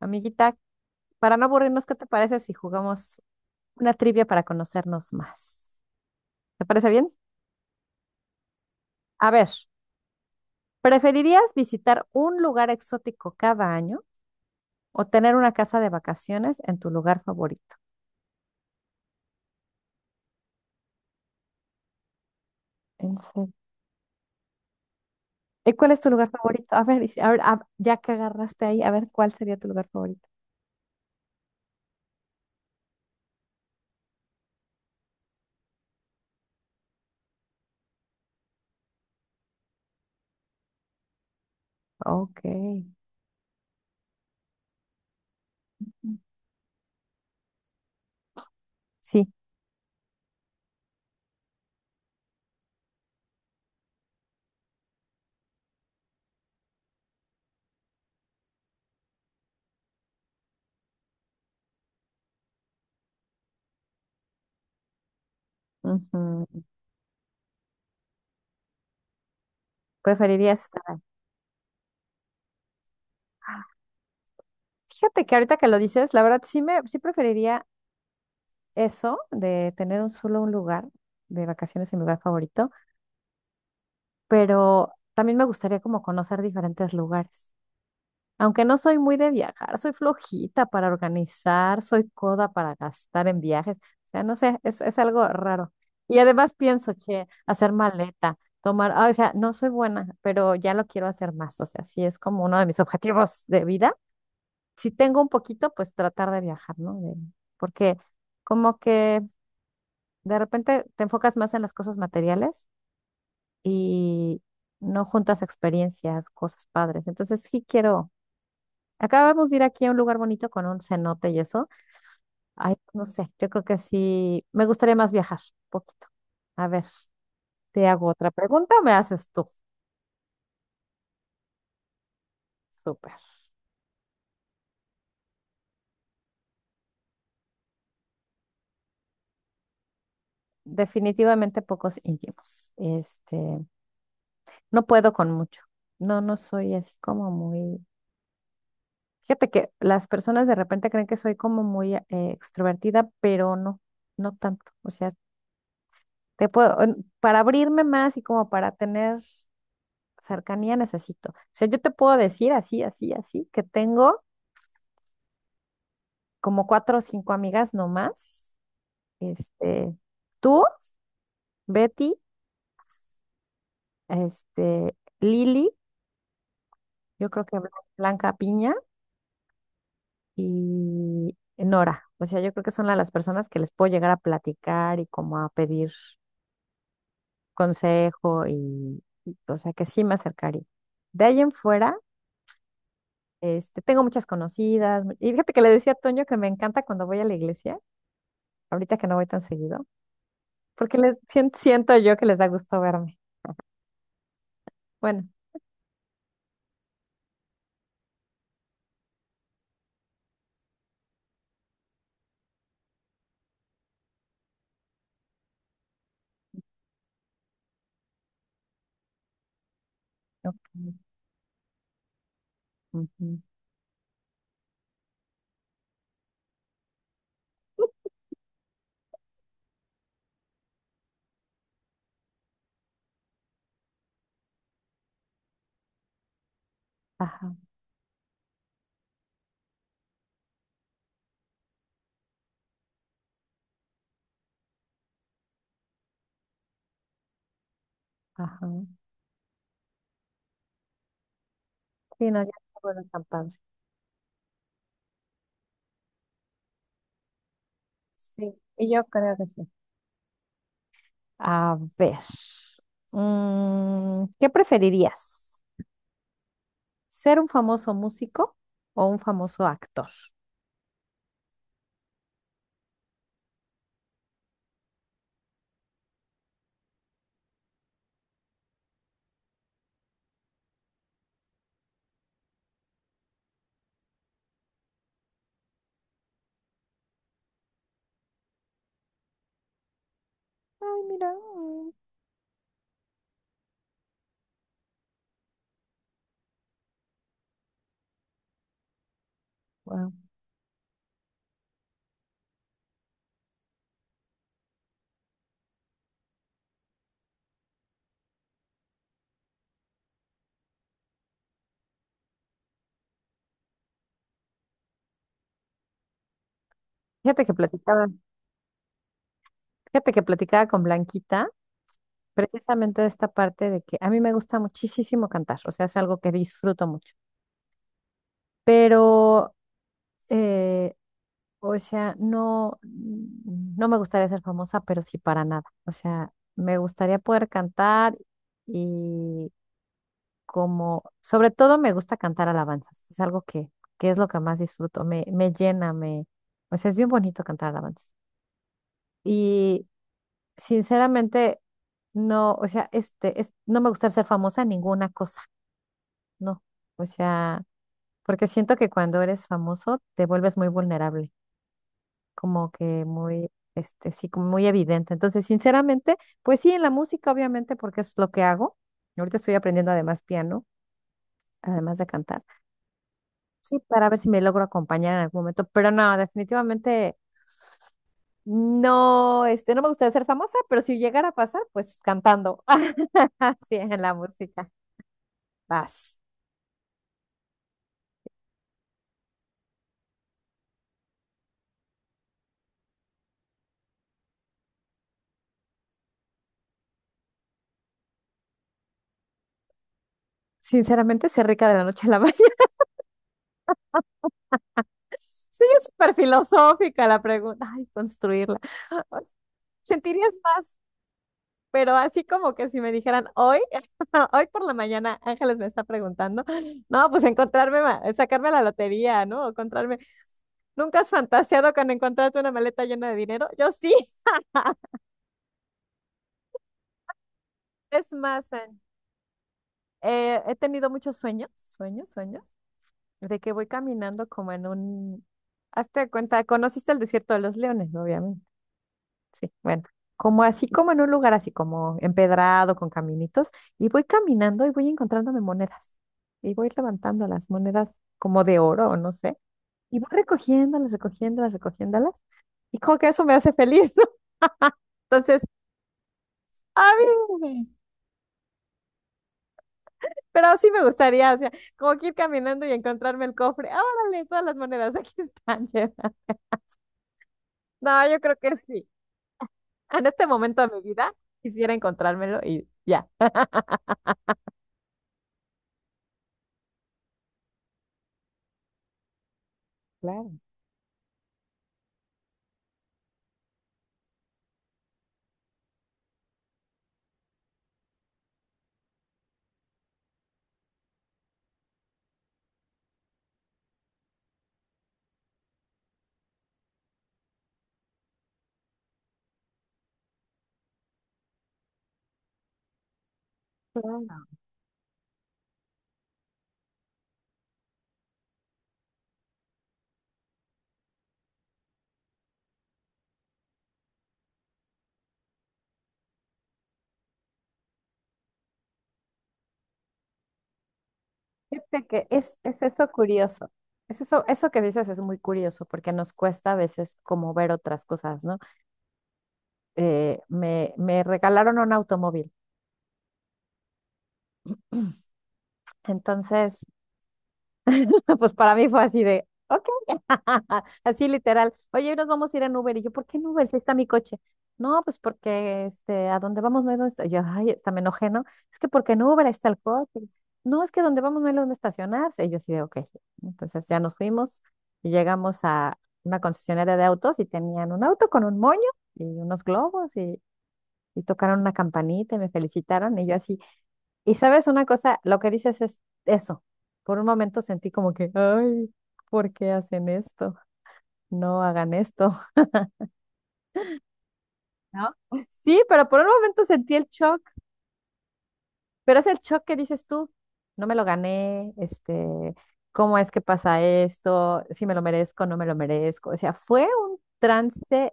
Amiguita, para no aburrirnos, ¿qué te parece si jugamos una trivia para conocernos más? ¿Te parece bien? A ver, ¿preferirías visitar un lugar exótico cada año o tener una casa de vacaciones en tu lugar favorito? En serio. ¿Y cuál es tu lugar favorito? A ver, si, a ver, ya que agarraste ahí, a ver, ¿cuál sería tu lugar favorito? Ok. Sí. Ujú. Preferirías estar ahí. Fíjate que ahorita que lo dices, la verdad sí preferiría eso de tener un lugar de vacaciones en mi lugar favorito. Pero también me gustaría como conocer diferentes lugares. Aunque no soy muy de viajar, soy flojita para organizar, soy coda para gastar en viajes. O sea, no sé, es algo raro. Y además pienso, che, hacer maleta, tomar, o sea, no soy buena, pero ya lo quiero hacer más. O sea, sí es como uno de mis objetivos de vida. Si tengo un poquito, pues tratar de viajar, ¿no? Porque como que de repente te enfocas más en las cosas materiales y no juntas experiencias, cosas padres. Entonces sí quiero, acabamos de ir aquí a un lugar bonito con un cenote y eso. Ay, no sé, yo creo que sí, me gustaría más viajar un poquito. A ver, te hago otra pregunta, o me haces tú. Súper. Definitivamente pocos íntimos. Este, no puedo con mucho. No, no soy así como muy... Fíjate que las personas de repente creen que soy como muy extrovertida, pero no, no tanto. O sea, te puedo, para abrirme más y como para tener cercanía necesito. O sea, yo te puedo decir así, así, así, que tengo como cuatro o cinco amigas nomás. Este, tú, Betty, este, Lili, yo creo que Blanca Piña y Nora. O sea, yo creo que son las personas que les puedo llegar a platicar y como a pedir consejo y, o sea, que sí me acercaría. De ahí en fuera. Este, tengo muchas conocidas. Y fíjate que le decía a Toño que me encanta cuando voy a la iglesia, ahorita que no voy tan seguido, porque les siento yo que les da gusto verme. Bueno. Ok. Ujú. Ajá, ajá. Sí, no, ya está bueno tan padre. Sí, y yo creo que sí. A ver, ¿qué preferirías? ¿Ser un famoso músico o un famoso actor? Ay, mira. Wow. Fíjate que platicaba, Fíjate que platicaba con Blanquita. Precisamente de esta parte de que a mí me gusta muchísimo cantar, o sea, es algo que disfruto mucho, pero, eh, o sea, no me gustaría ser famosa, pero sí para nada, o sea, me gustaría poder cantar y como, sobre todo me gusta cantar alabanzas, es algo que es lo que más disfruto, me llena, o sea, es bien bonito cantar alabanzas. Y sinceramente, no, o sea, este, no me gusta ser famosa en ninguna cosa. No, o sea, porque siento que cuando eres famoso te vuelves muy vulnerable, como que muy, este, sí, como muy evidente. Entonces, sinceramente, pues sí, en la música, obviamente, porque es lo que hago. Ahorita estoy aprendiendo además piano, además de cantar. Sí, para ver si me logro acompañar en algún momento, pero no, definitivamente no, este, no me gustaría ser famosa, pero si llegara a pasar, pues cantando. Sí, en la música. Vas. Sinceramente, sé rica de la noche a la mañana. Sí, es súper filosófica la pregunta. Ay, construirla. O sea, sentirías más, pero así como que si me dijeran hoy, hoy por la mañana, Ángeles me está preguntando, no, pues encontrarme, sacarme la lotería, ¿no? O encontrarme. ¿Nunca has fantaseado con encontrarte una maleta llena de dinero? Yo sí. Es más, Ann, he tenido muchos sueños, sueños, sueños, de que voy caminando como en un... Hazte cuenta, conociste el Desierto de los Leones, obviamente. Sí, bueno, como así como en un lugar así como empedrado con caminitos y voy caminando y voy encontrándome monedas y voy levantando las monedas como de oro o no sé y voy recogiéndolas, recogiéndolas, recogiéndolas y como que eso me hace feliz. Entonces, a mí, pero sí me gustaría, o sea, como que ir caminando y encontrarme el cofre. Ah, órale, todas las monedas aquí están llenas. No, yo creo que sí. En este momento de mi vida quisiera encontrármelo y ya. Claro, claro. Fíjate que es eso curioso. Es eso que dices es muy curioso porque nos cuesta a veces como ver otras cosas, ¿no? Me regalaron un automóvil. Entonces, pues para mí fue así de, ok, así literal. Oye, hoy nos vamos a ir en Uber. Y yo, ¿por qué en Uber? Si está mi coche. No, pues porque este, a donde vamos no hay donde esta-". Yo, ay, hasta me enojé, ¿no? Es que porque en Uber ahí está el coche. No, es que donde vamos no hay donde estacionarse. Y yo así de, ok. Entonces ya nos fuimos y llegamos a una concesionaria de autos y tenían un auto con un moño y unos globos y tocaron una campanita y me felicitaron y yo así. Y sabes una cosa, lo que dices es eso. Por un momento sentí como que, ay, ¿por qué hacen esto? No hagan esto, ¿no? Sí, pero por un momento sentí el shock, pero es el shock que dices tú, no me lo gané, este, ¿cómo es que pasa esto? Si me lo merezco, no me lo merezco. O sea, fue un trance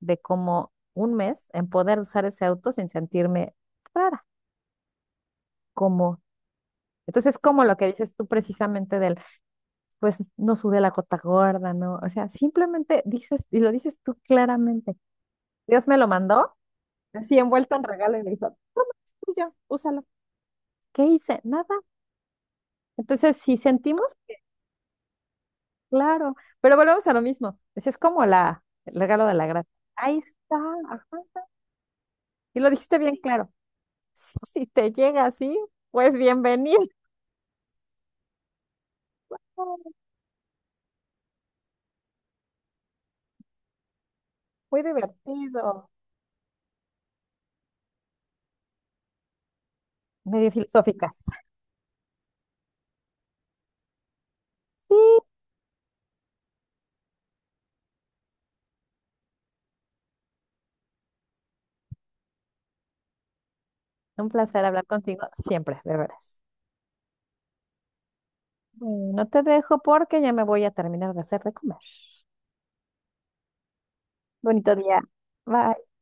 de como un mes en poder usar ese auto sin sentirme rara, como. Entonces, como lo que dices tú precisamente del, pues no sudé la gota gorda, ¿no? O sea, simplemente dices, y lo dices tú claramente, Dios me lo mandó, así envuelto en regalo y me dijo, tuyo, úsalo. ¿Qué hice? Nada. Entonces, si sentimos, claro, pero volvemos a lo mismo. Pues, es como el regalo de la gracia. Ahí está, ajá. Y lo dijiste bien claro. Si te llega así, pues bienvenido. Muy divertido. Medio filosóficas. Sí. Un placer hablar contigo siempre, de veras. Bueno, te dejo porque ya me voy a terminar de hacer de comer. Bonito día. Bye.